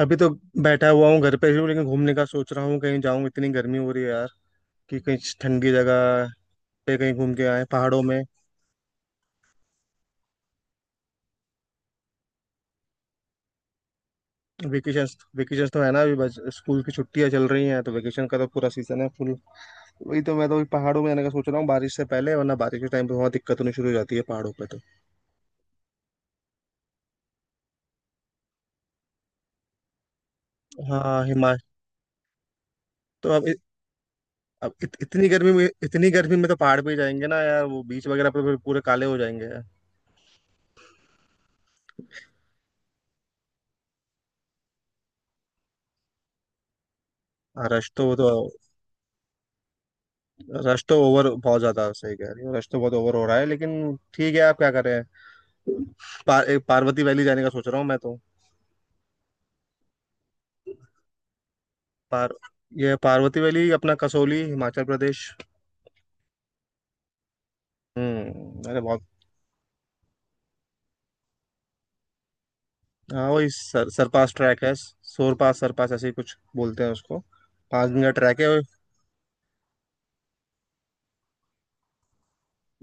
अभी तो बैठा हुआ हूँ घर पे ही हूँ। लेकिन घूमने का सोच रहा हूँ कहीं जाऊँ, इतनी गर्मी हो रही है यार कि कहीं ठंडी जगह पे कहीं घूम के आए पहाड़ों में। वेकेशन वेकेशन तो है ना, अभी बस स्कूल की छुट्टियां चल रही हैं, तो वेकेशन का तो पूरा सीजन है फुल। वही तो, मैं तो अभी पहाड़ों में जाने का सोच रहा हूँ बारिश से पहले, वरना बारिश के टाइम पे बहुत दिक्कत होनी शुरू हो जाती है पहाड़ों पे तो। हाँ, हिमाचल। तो अब अब इतनी गर्मी में तो पहाड़ पे ही जाएंगे ना यार। वो बीच वगैरह पे तो फिर पूरे काले हो जाएंगे यार। हाँ, रश तो वो तो, रश तो ओवर, बहुत ज्यादा सही कह रही हो, रश तो बहुत ओवर हो रहा है, लेकिन ठीक है, आप क्या करें। एक पार्वती वैली जाने का सोच रहा हूँ मैं तो। पार ये पार्वती वैली अपना कसौली, हिमाचल प्रदेश। हम्म, अरे बहुत। हाँ, वही सरपास ट्रैक है, सोरपास सरपास ऐसे ही कुछ बोलते हैं उसको। पाँच दिन का ट्रैक है, और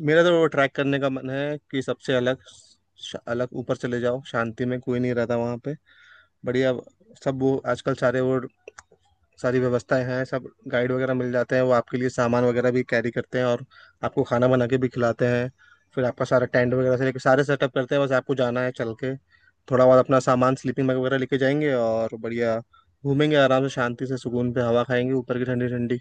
मेरा तो वो ट्रैक करने का मन है कि सबसे अलग, अलग ऊपर चले जाओ, शांति में, कोई नहीं रहता वहाँ पे। बढ़िया, सब वो आजकल सारे वो सारी व्यवस्थाएं हैं, सब गाइड वगैरह मिल जाते हैं, वो आपके लिए सामान वगैरह भी कैरी करते हैं, और आपको खाना बना के भी खिलाते हैं। फिर आपका सारा टेंट वगैरह से लेके सारे सेटअप करते हैं, बस आपको जाना है चल के। थोड़ा बहुत अपना सामान, स्लीपिंग बैग वगैरह लेके जाएंगे, और बढ़िया घूमेंगे आराम से, शांति से, सुकून पे, हवा खाएंगे ऊपर की ठंडी ठंडी।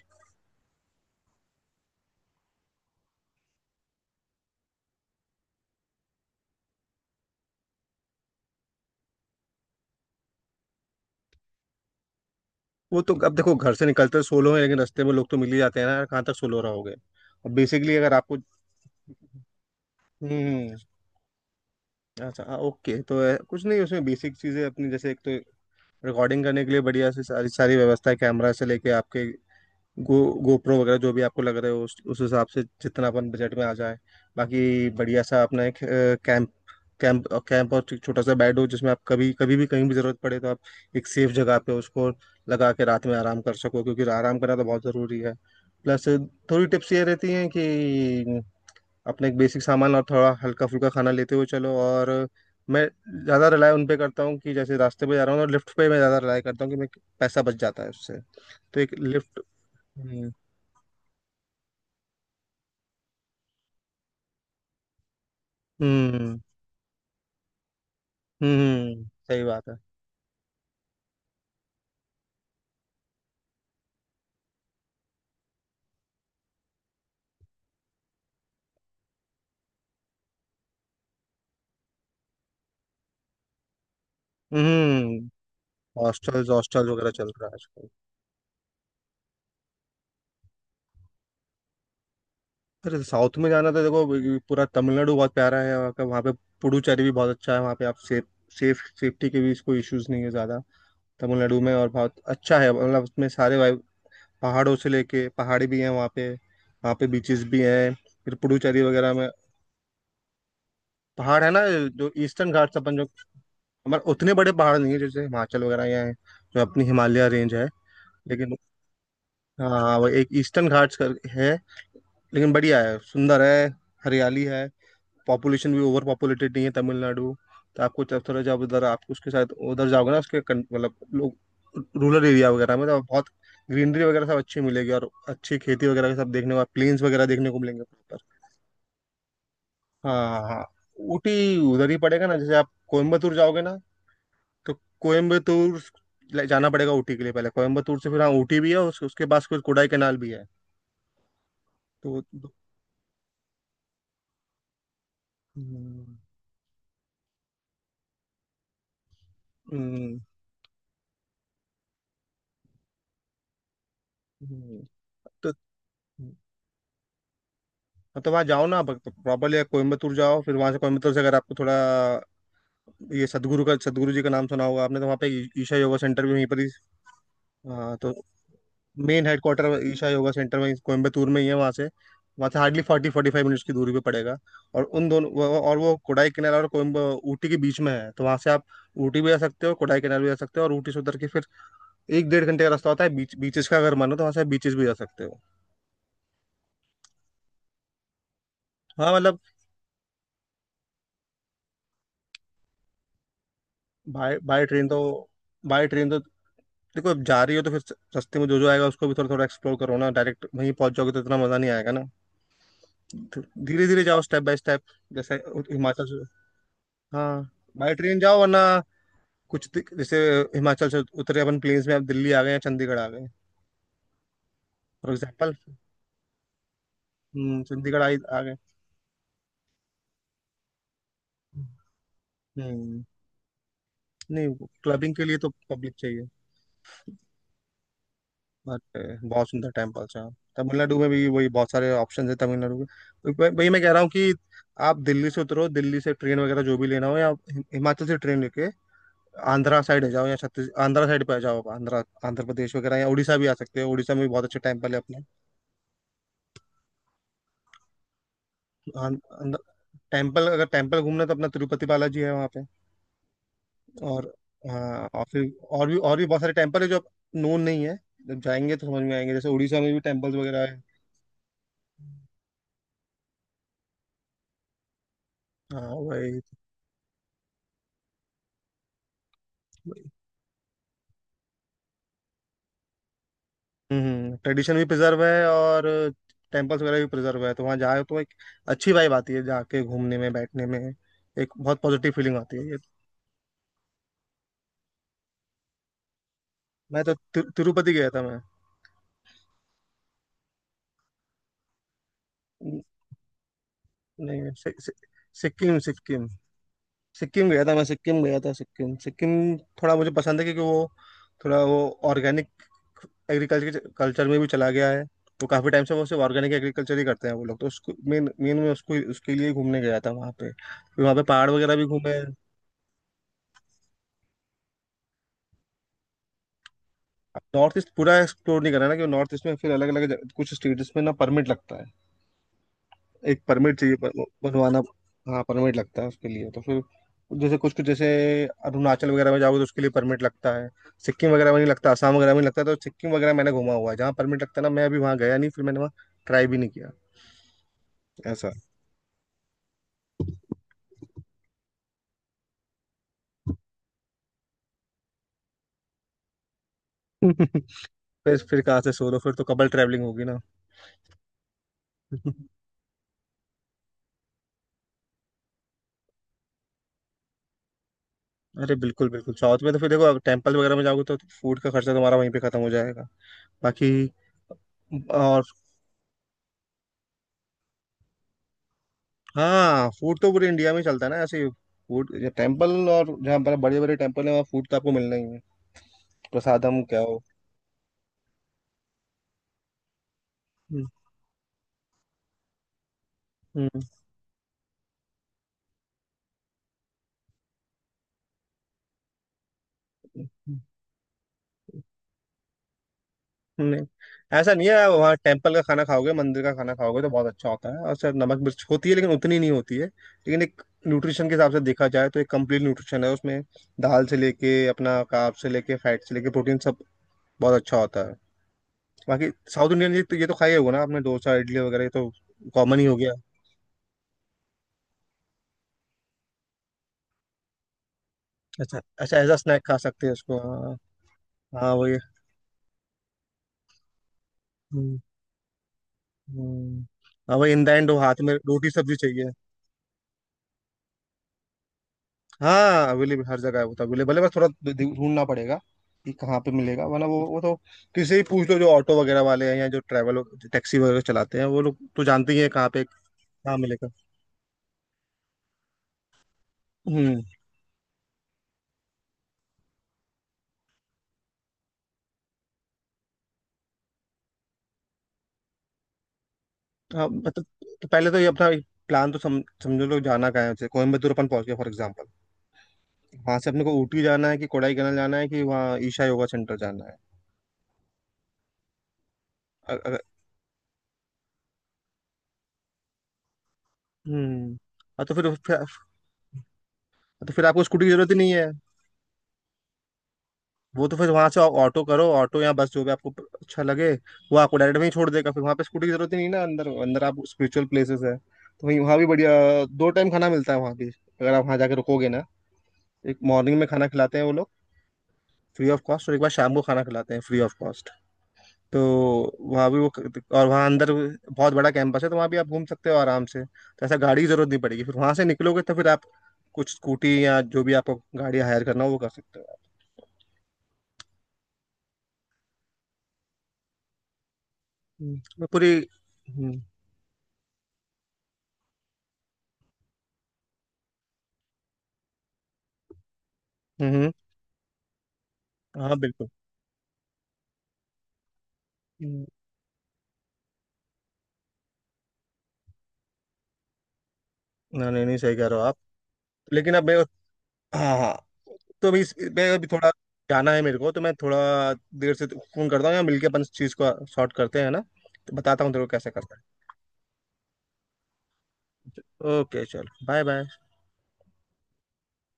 वो तो अब देखो, घर से निकलते हैं सोलो हैं, लेकिन रास्ते में लोग तो मिल ही जाते हैं ना यार, कहाँ तक सोलो रहोगे। और बेसिकली अगर आपको, हम्म। अच्छा। हाँ, ओके, तो कुछ नहीं, उसमें बेसिक चीज़ें अपनी, जैसे एक तो रिकॉर्डिंग करने के लिए बढ़िया से सारी सारी व्यवस्था है, कैमरा से लेके आपके गो गोप्रो वगैरह जो भी आपको लग रहे हो, उस हिसाब से जितना अपन बजट में आ जाए। बाकी बढ़िया सा अपना एक कैंप कैंप कैंप, और एक छोटा सा बेड हो जिसमें आप कभी कभी भी कहीं भी ज़रूरत पड़े तो आप एक सेफ जगह पे उसको लगा के रात में आराम कर सको, क्योंकि आराम करना तो बहुत ज़रूरी है। प्लस, थोड़ी टिप्स ये रहती हैं कि अपना एक बेसिक सामान और थोड़ा हल्का फुल्का खाना लेते हुए चलो, और मैं ज़्यादा रिलाय उन पे करता हूँ कि जैसे रास्ते पे जा रहा हूँ, और लिफ्ट पे मैं ज़्यादा रिलाय करता हूँ कि मैं, पैसा बच जाता है उससे, तो एक लिफ्ट। हम्म हम्म सही बात है। हम्म। हॉस्टल्स हॉस्टल्स वगैरह चल रहा है आजकल। अरे साउथ में जाना तो देखो, ये पूरा तमिलनाडु बहुत प्यारा है, वहाँ का, वहाँ पे पुडुचेरी भी बहुत अच्छा है, वहाँ पे आप सेफ सेफ सेफ्टी के भी इसको इश्यूज नहीं है ज़्यादा तमिलनाडु में। और बहुत अच्छा है, मतलब उसमें सारे पहाड़ों से लेके पहाड़ी भी हैं वहाँ पे, वहाँ पे बीचेस भी हैं फिर पुडुचेरी वगैरह में। पहाड़ है ना जो ईस्टर्न घाट्स अपन जो, हमारे उतने बड़े पहाड़ नहीं है जैसे हिमाचल वगैरह यहाँ है, जो अपनी हिमालय रेंज है। लेकिन हाँ, वो एक ईस्टर्न घाट्स कर है, लेकिन बढ़िया है, सुंदर है, हरियाली है, पॉपुलेशन भी ओवर पॉपुलेटेड नहीं है तमिलनाडु। तो आपको जब थोड़ा, जब उधर आप उसके साथ उधर जाओगे ना, उसके मतलब लोग, रूरल एरिया वगैरह में तो बहुत ग्रीनरी वगैरह सब अच्छी मिलेगी, और अच्छी खेती वगैरह सब देखने को, प्लेन्स वगैरह देखने को मिलेंगे। हाँ हाँ हाँ। ऊटी उधर ही पड़ेगा ना, जैसे आप कोयम्बतूर जाओगे ना, तो कोयम्बतूर जाना पड़ेगा ऊटी के लिए पहले, कोयम्बतूर से। फिर हाँ ऊटी भी है, उसके पास कुछ कोडाई कैनाल भी है। तो हम्म, हम्म, हम्म, तो मतलब वहाँ जाओ ना प्रॉपरली, कोयम्बतूर जाओ, फिर वहाँ से कोयम्बतूर से अगर आपको थोड़ा, ये सदगुरु का, सदगुरु जी का नाम सुना होगा आपने, तो वहाँ पे ईशा योगा सेंटर भी वहीं पर ही। हाँ, तो main headquarters Isha yoga centre में कोयम्बतूर में ही है, वहाँ से, वहाँ से hardly forty forty five minutes की दूरी पे पड़ेगा। और उन दोनों और वो कोडाई कैनाल और कोयम्ब ऊटी के बीच में है, तो वहाँ से आप ऊटी भी जा सकते हो, कोडाई कैनाल भी जा सकते हो, और ऊटी से उतर के फिर एक डेढ़ घंटे का रास्ता होता है बीच, बीचेस का। अगर मन हो तो वहाँ से आप बीचेस भी जा सकते हो। हाँ मतलब, बाय बाय ट्रेन तो, बाय ट्रेन तो देखो, अब जा रही हो तो फिर सस्ते में जो जो आएगा उसको भी थोड़ा थोड़ा एक्सप्लोर करो ना, डायरेक्ट वहीं पहुंच जाओगे तो इतना मजा नहीं आएगा ना। धीरे धीरे जाओ, स्टेप बाय स्टेप, जैसे हिमाचल से। हाँ, बाय ट्रेन जाओ, वरना कुछ जैसे हिमाचल से उतरे अपन प्लेन्स में, अब दिल्ली आ गए या चंडीगढ़ आ गए। फॉर एग्जाम्पल, हम्म, चंडीगढ़ आ गए। हम्म। नहीं, क्लबिंग के लिए तो पब्लिक चाहिए। बट बहुत सुंदर टेम्पल्स हैं तमिलनाडु में भी, वही बहुत सारे ऑप्शन है तमिलनाडु में, तो वही वही मैं कह रहा हूँ कि आप दिल्ली से उतरो, दिल्ली से ट्रेन वगैरह जो भी लेना हो, या हिमाचल से ट्रेन लेके आंध्रा साइड आ जाओ, या छत्तीस आंध्रा साइड पे आ जाओ आप, आंध्रा आंध्र प्रदेश वगैरह, या उड़ीसा भी आ सकते हो, उड़ीसा में भी बहुत अच्छे टेम्पल है अपने। हाँ, अंद- टेम्पल, अगर टेम्पल घूमना है तो अपना तिरुपति बालाजी है वहाँ पे। और हाँ, और फिर और भी, और भी बहुत सारे टेम्पल है जो नोन नहीं है, जब जाएंगे तो समझ में आएंगे, जैसे उड़ीसा में भी टेम्पल्स वगैरह है। हाँ, वही वही। हम्म, ट्रेडिशन भी प्रिजर्व है, और टेम्पल्स वगैरह भी प्रिजर्व है, तो वहाँ जाए तो एक अच्छी वाइब आती है, जाके घूमने में, बैठने में, एक बहुत पॉजिटिव फीलिंग आती है ये। मैं तो तिरुपति गया था मैं। न- नहीं, सि, सि, सिक्किम सिक्किम। सिक्किम गया था मैं, सिक्किम गया था, सिक्किम सिक्किम थोड़ा मुझे पसंद है, क्योंकि वो थोड़ा वो ऑर्गेनिक एग्रीकल्चर कल्चर में भी चला गया है। तो काफी टाइम से वो सिर्फ ऑर्गेनिक एग्रीकल्चर ही करते हैं वो लोग, तो उसको मेन मेन में उसको, उसके लिए ही घूमने गया था वहाँ पे। फिर वहाँ पे पहाड़ वगैरह भी घूमे। नॉर्थ ईस्ट पूरा एक्सप्लोर नहीं करा ना, क्योंकि नॉर्थ ईस्ट में फिर अलग अलग कुछ स्टेट्स में ना परमिट लगता है। एक परमिट चाहिए बनवाना। हाँ, परमिट लगता है उसके लिए, तो फिर जैसे कुछ कुछ जैसे अरुणाचल वगैरह में जाओगे तो उसके लिए परमिट लगता है, सिक्किम वगैरह में नहीं लगता, आसाम वगैरह में नहीं लगता। तो सिक्किम वगैरह मैंने घुमा हुआ है, जहाँ परमिट लगता है ना मैं अभी वहाँ गया नहीं, फिर मैंने वहाँ ट्राई भी नहीं किया। ऐसा फिर कहाँ से सोलो, फिर तो कबल ट्रैवलिंग होगी ना। अरे बिल्कुल बिल्कुल, साउथ में तो फिर देखो, टेम्पल वगैरह में जाओगे तो फूड का खर्चा तुम्हारा वहीं पे खत्म हो जाएगा बाकी। और हाँ, फूड तो पूरे इंडिया में चलता है ना ऐसे, फूड टेम्पल, और जहाँ पर बड़े बड़े टेम्पल है वहाँ फूड तो आपको मिलना ही है, प्रसादम क्या हो। हम्म, हम्म, हम्म, नहीं, ऐसा नहीं है। वहाँ टेम्पल का खाना खाओगे, मंदिर का खाना खाओगे तो बहुत अच्छा होता है। और सर, नमक मिर्च होती है, लेकिन उतनी नहीं होती है, लेकिन एक न्यूट्रिशन के हिसाब से देखा जाए तो एक कंप्लीट न्यूट्रिशन है उसमें, दाल से लेके अपना कार्ब से लेके फैट से लेके प्रोटीन सब, बहुत अच्छा होता है। बाकी साउथ इंडियन, ये तो खाई होगा ना आपने, डोसा इडली वगैरह ये तो कॉमन ही हो गया। अच्छा, अच्छा, एज अ स्नैक खा सकते हैं उसको, हाँ। हाँ, वही। हम्म, हम्म। हाँ, वही इन द एंड वो हाथ में रोटी सब्जी चाहिए। हाँ, अवेलेबल हर जगह है, वो तो अवेलेबल है, बस थोड़ा ढूंढना पड़ेगा कि कहाँ पे मिलेगा, वरना वो तो किसी से ही पूछ लो, जो ऑटो वगैरह वाले हैं, या जो ट्रैवल टैक्सी वगैरह चलाते हैं, वो लोग तो जानते ही हैं कहाँ पे कहाँ मिलेगा। हम्म। हाँ मतलब, तो पहले तो ये अपना प्लान तो समझो लोग, जाना कहाँ है, जैसे कोयम्बतूर अपन पहुंच गए फॉर एग्जाम्पल, वहां से अपने को ऊटी जाना है, कि कोडाईकनाल जाना है, कि वहाँ ईशा योगा सेंटर जाना है। अ- हम्म। हाँ, तो फिर तो फिर आपको स्कूटी की जरूरत ही नहीं है। वो तो फिर वहां से ऑटो करो, ऑटो या बस जो भी आपको अच्छा लगे, वो आपको डायरेक्ट वहीं छोड़ देगा। फिर वहां पे स्कूटी की जरूरत ही नहीं ना, अंदर अंदर आप स्पिरिचुअल प्लेसेस है तो वहीं, वहाँ भी बढ़िया। दो टाइम खाना मिलता है वहाँ भी, अगर आप वहाँ जाके रुकोगे ना, एक मॉर्निंग में खाना खिलाते हैं वो लोग फ्री ऑफ कॉस्ट, और एक बार शाम को खाना खिलाते हैं फ्री ऑफ कॉस्ट। तो वहाँ भी वो, और वहाँ अंदर बहुत बड़ा कैंपस है, तो वहाँ भी आप घूम सकते हो आराम से, तो ऐसा गाड़ी की जरूरत नहीं पड़ेगी। फिर वहाँ से निकलोगे तो फिर आप कुछ स्कूटी या जो भी आपको गाड़ी हायर करना हो वो कर सकते हो आप। मैं पूरी। हम्म। हम्म, हम्म। हाँ, बिल्कुल। हम्म, ना नहीं नहीं, सही कह रहे हो आप। लेकिन अब मैं, हाँ हाँ, तो अभी मैं अभी थोड़ा जाना है मेरे को, तो मैं थोड़ा देर से फोन करता हूँ, या मिलके अपन इस चीज़ को शॉर्ट करते हैं ना, तो बताता हूँ तेरे को कैसे करता है। ओके चलो, बाय बाय।